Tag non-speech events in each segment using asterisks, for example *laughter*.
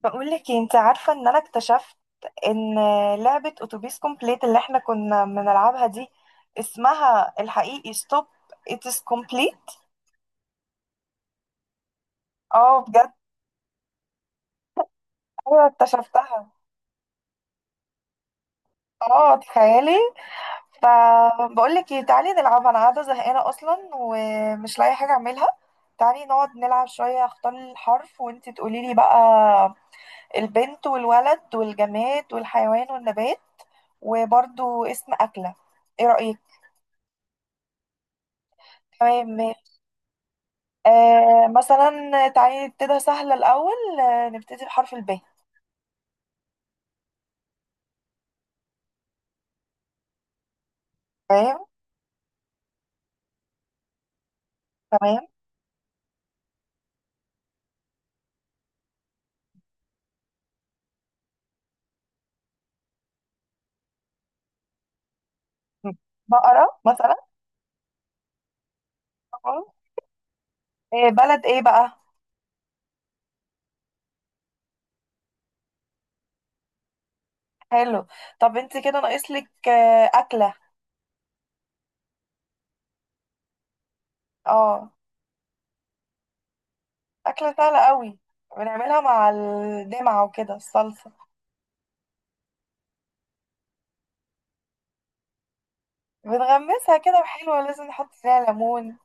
بقول لك إيه، انت عارفه ان انا اكتشفت ان لعبه اتوبيس كومبليت اللي احنا كنا بنلعبها دي اسمها الحقيقي ستوب اتس كومبليت. اه، بجد. ايوه، اكتشفتها. اه، تخيلي. فبقول لك ايه، تعالي نلعبها، انا قاعده زهقانه اصلا ومش لاقي حاجه اعملها. تعالي نقعد نلعب شويه، اختار الحرف وانت تقولي لي بقى البنت والولد والجماد والحيوان والنبات وبرضو اسم اكله. ايه رايك؟ تمام. مثلا تعالي نبتدي سهلة الأول. نبتدي بحرف الب. تمام. تمام. بقرة مثلا. آه، بلد ايه بقى؟ حلو. طب انت كده ناقصلك أكلة. اه، أكلة سهلة قوي، بنعملها مع الدمعة وكده الصلصة، بنغمسها كده حلوة، لازم نحط فيها ليمون.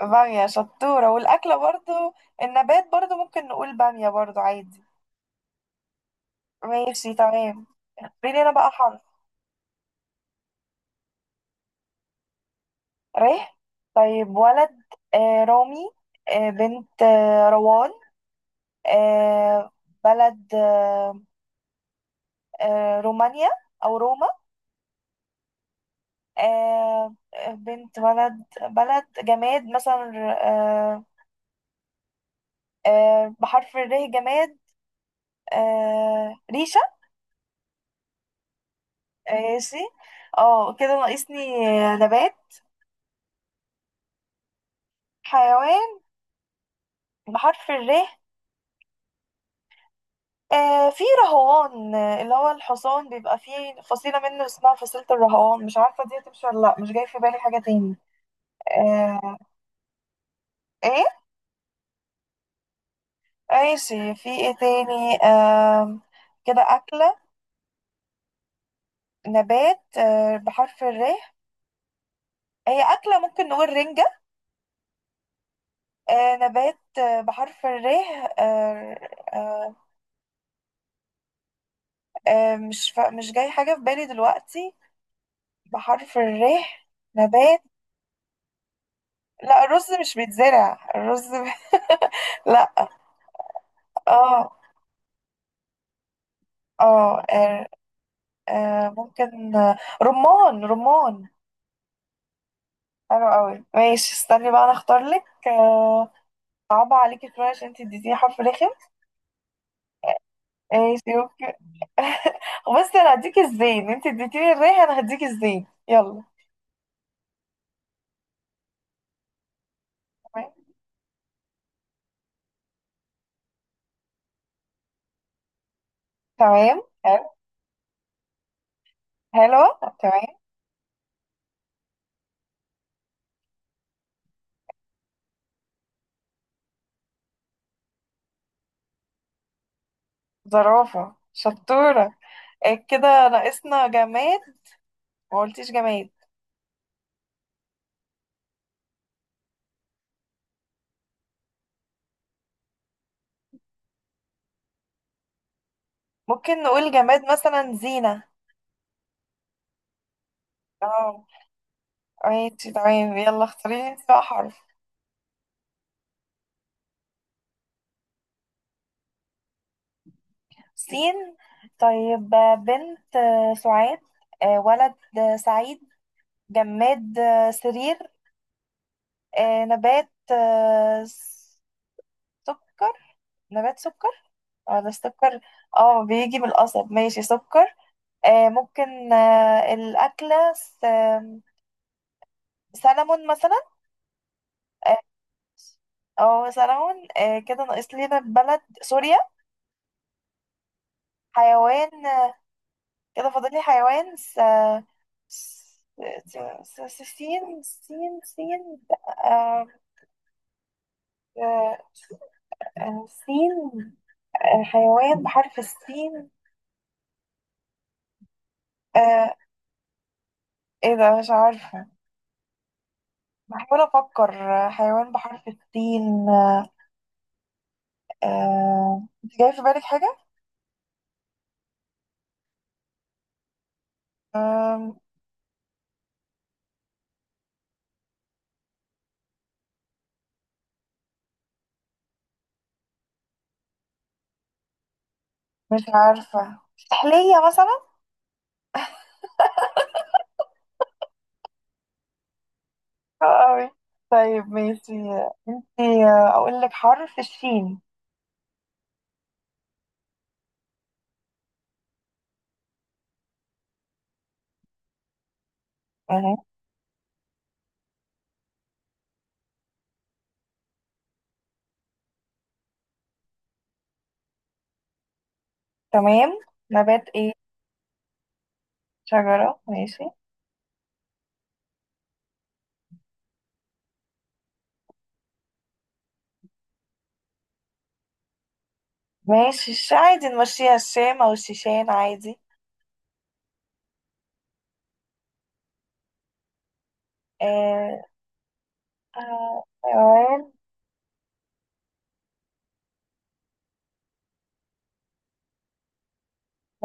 بامية شطورة، والأكلة برضو. النبات برضو ممكن نقول بامية برضو عادي. ماشي، تمام. اختاري لنا بقى حرف. ريح. طيب، ولد رامي. بنت روان. آه بلد، رومانيا أو روما. بنت ولد بلد جماد مثلا، بحرف الر جماد، ريشة. ماشي. اه كده ناقصني نبات حيوان بحرف الر. في رهوان، اللي هو الحصان بيبقى فيه فصيلة منه اسمها فصيلة الرهوان، مش عارفة دي هتمشي ولا لأ، مش جاي في بالي حاجة تاني. آه، ايه؟ ماشي، في ايه تاني؟ كده أكلة نبات بحرف الر. هي أكلة ممكن نقول رنجة. نبات بحرف الر. آه، آه، مش جاي حاجة في بالي دلوقتي بحرف الر نبات. لا، الرز مش بيتزرع الرز *laughs* لا. اه اه. ممكن رمان، رمان. حلو قوي، ماشي، استني بقى انا اختار لك. صعبة عليكي شوية عشان انت اديتيني حرف رخم. ماشي، اوكي. *laughs* بصي، انا هديك الزين، انت اديتيني الريح انا هديك الزين، يلا. تمام. تمام. حلو. حلوة تمام. زرافة شطورة. كده ناقصنا جماد. ما قلتيش جماد. ممكن نقول جماد مثلا زينة. اه. ماشي، تمام، يلا اختاري لي انت بقى حرف. سين. طيب، بنت سعاد، ولد سعيد، جماد سرير، نبات سكر. نبات سكر، ولا السكر. اه، بيجي من القصب. ماشي، سكر. ممكن الأكلة سلمون مثلا. اه. سلمون. كده ناقص لنا بلد سوريا. حيوان. كده فاضل لي حيوان س... س... سين سين سين. آه، آه، سين حيوان بحرف السين. آه، ايه ده؟ مش عارفة. بحاول افكر حيوان بحرف السين. انت جاي في بالك حاجة؟ آم، مش عارفة. سحلية مثلا؟ أوي. طيب، ماشي. انت اقول لك حرف الشين. أهو. تمام. نبات ايه؟ شجرة. ماشي. ماشي عادي نمشيها الشام او الشيشان عادي. آه حيوان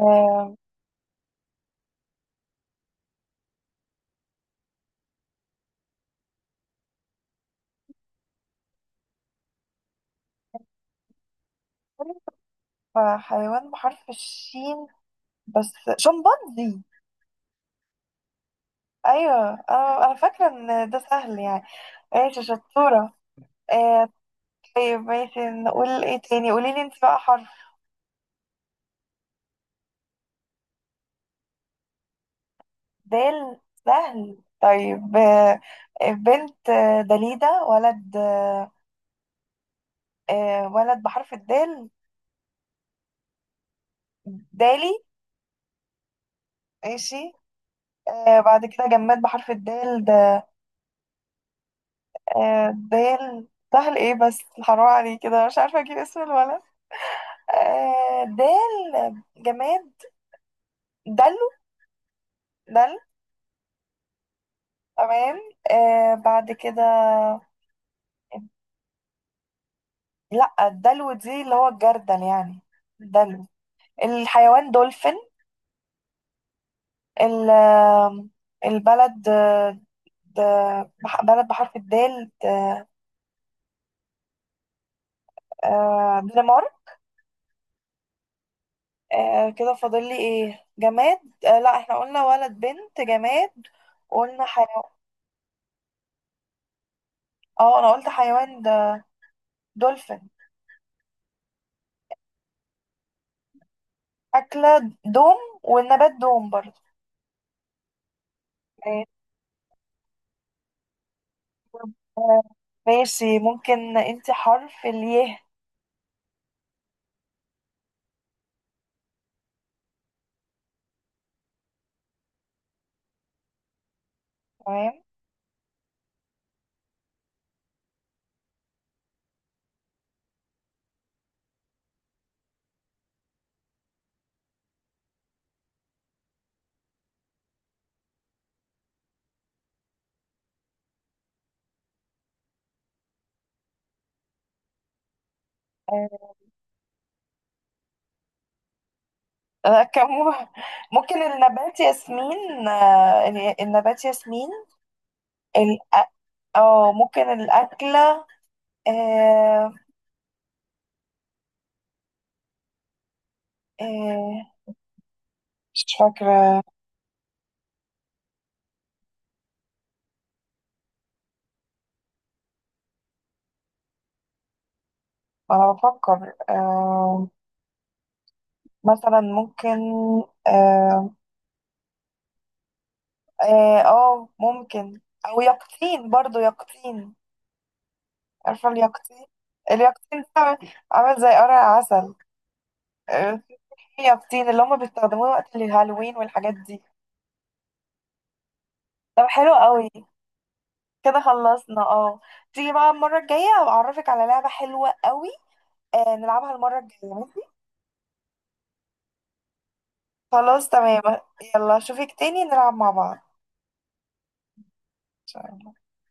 آه حيوان بحرف الشين. بس شمبانزي. ايوه، انا فاكره ان ده سهل يعني. ماشي، شطوره. آه طيب، ماشي، نقول ايه تاني؟ قولي لي انت بقى حرف. دال. سهل. طيب، بنت دليدة، ولد ولد بحرف الدال، دالي. ماشي. بعد كده جماد بحرف الدال ده. دال. سهل، ايه بس، حرام عليه كده، مش عارفة اجيب اسم الولد. دال جماد، دلو. دل تمام. بعد كده لا، الدلو دي اللي هو الجردل يعني. دلو. الحيوان دولفين. ال- آم، البلد د- بلد بحرف الدال دنمارك. كده فاضل لي ايه جماد؟ لا، احنا قلنا ولد بنت جماد، قلنا حيوان. اه، انا قلت حيوان ده دولفين. أكلة، دوم. والنبات دوم برضه. آه، آه، ماشي، ممكن انت حرف الياء. تمام. آه، انا كم *laughs* ممكن النبات ياسمين. النبات ياسمين. الأ- اه، ممكن الأكلة آه، آه، مش فاكرة. أنا بفكر. مثلا ممكن اه, ممكن او يقطين برضو يقطين. عارفة اليقطين؟ اليقطين ده عامل زي قرع عسل. آه، في يقطين اللي هما بيستخدموه وقت الهالوين والحاجات دي. طب حلو قوي. كده خلصنا اه تيجي بقى المرة الجاية أعرفك على لعبة حلوة قوي. نلعبها المرة الجاية، ماشي؟ خلاص تمام. يلا أشوفك تاني نلعب مع بعض، إن شاء الله.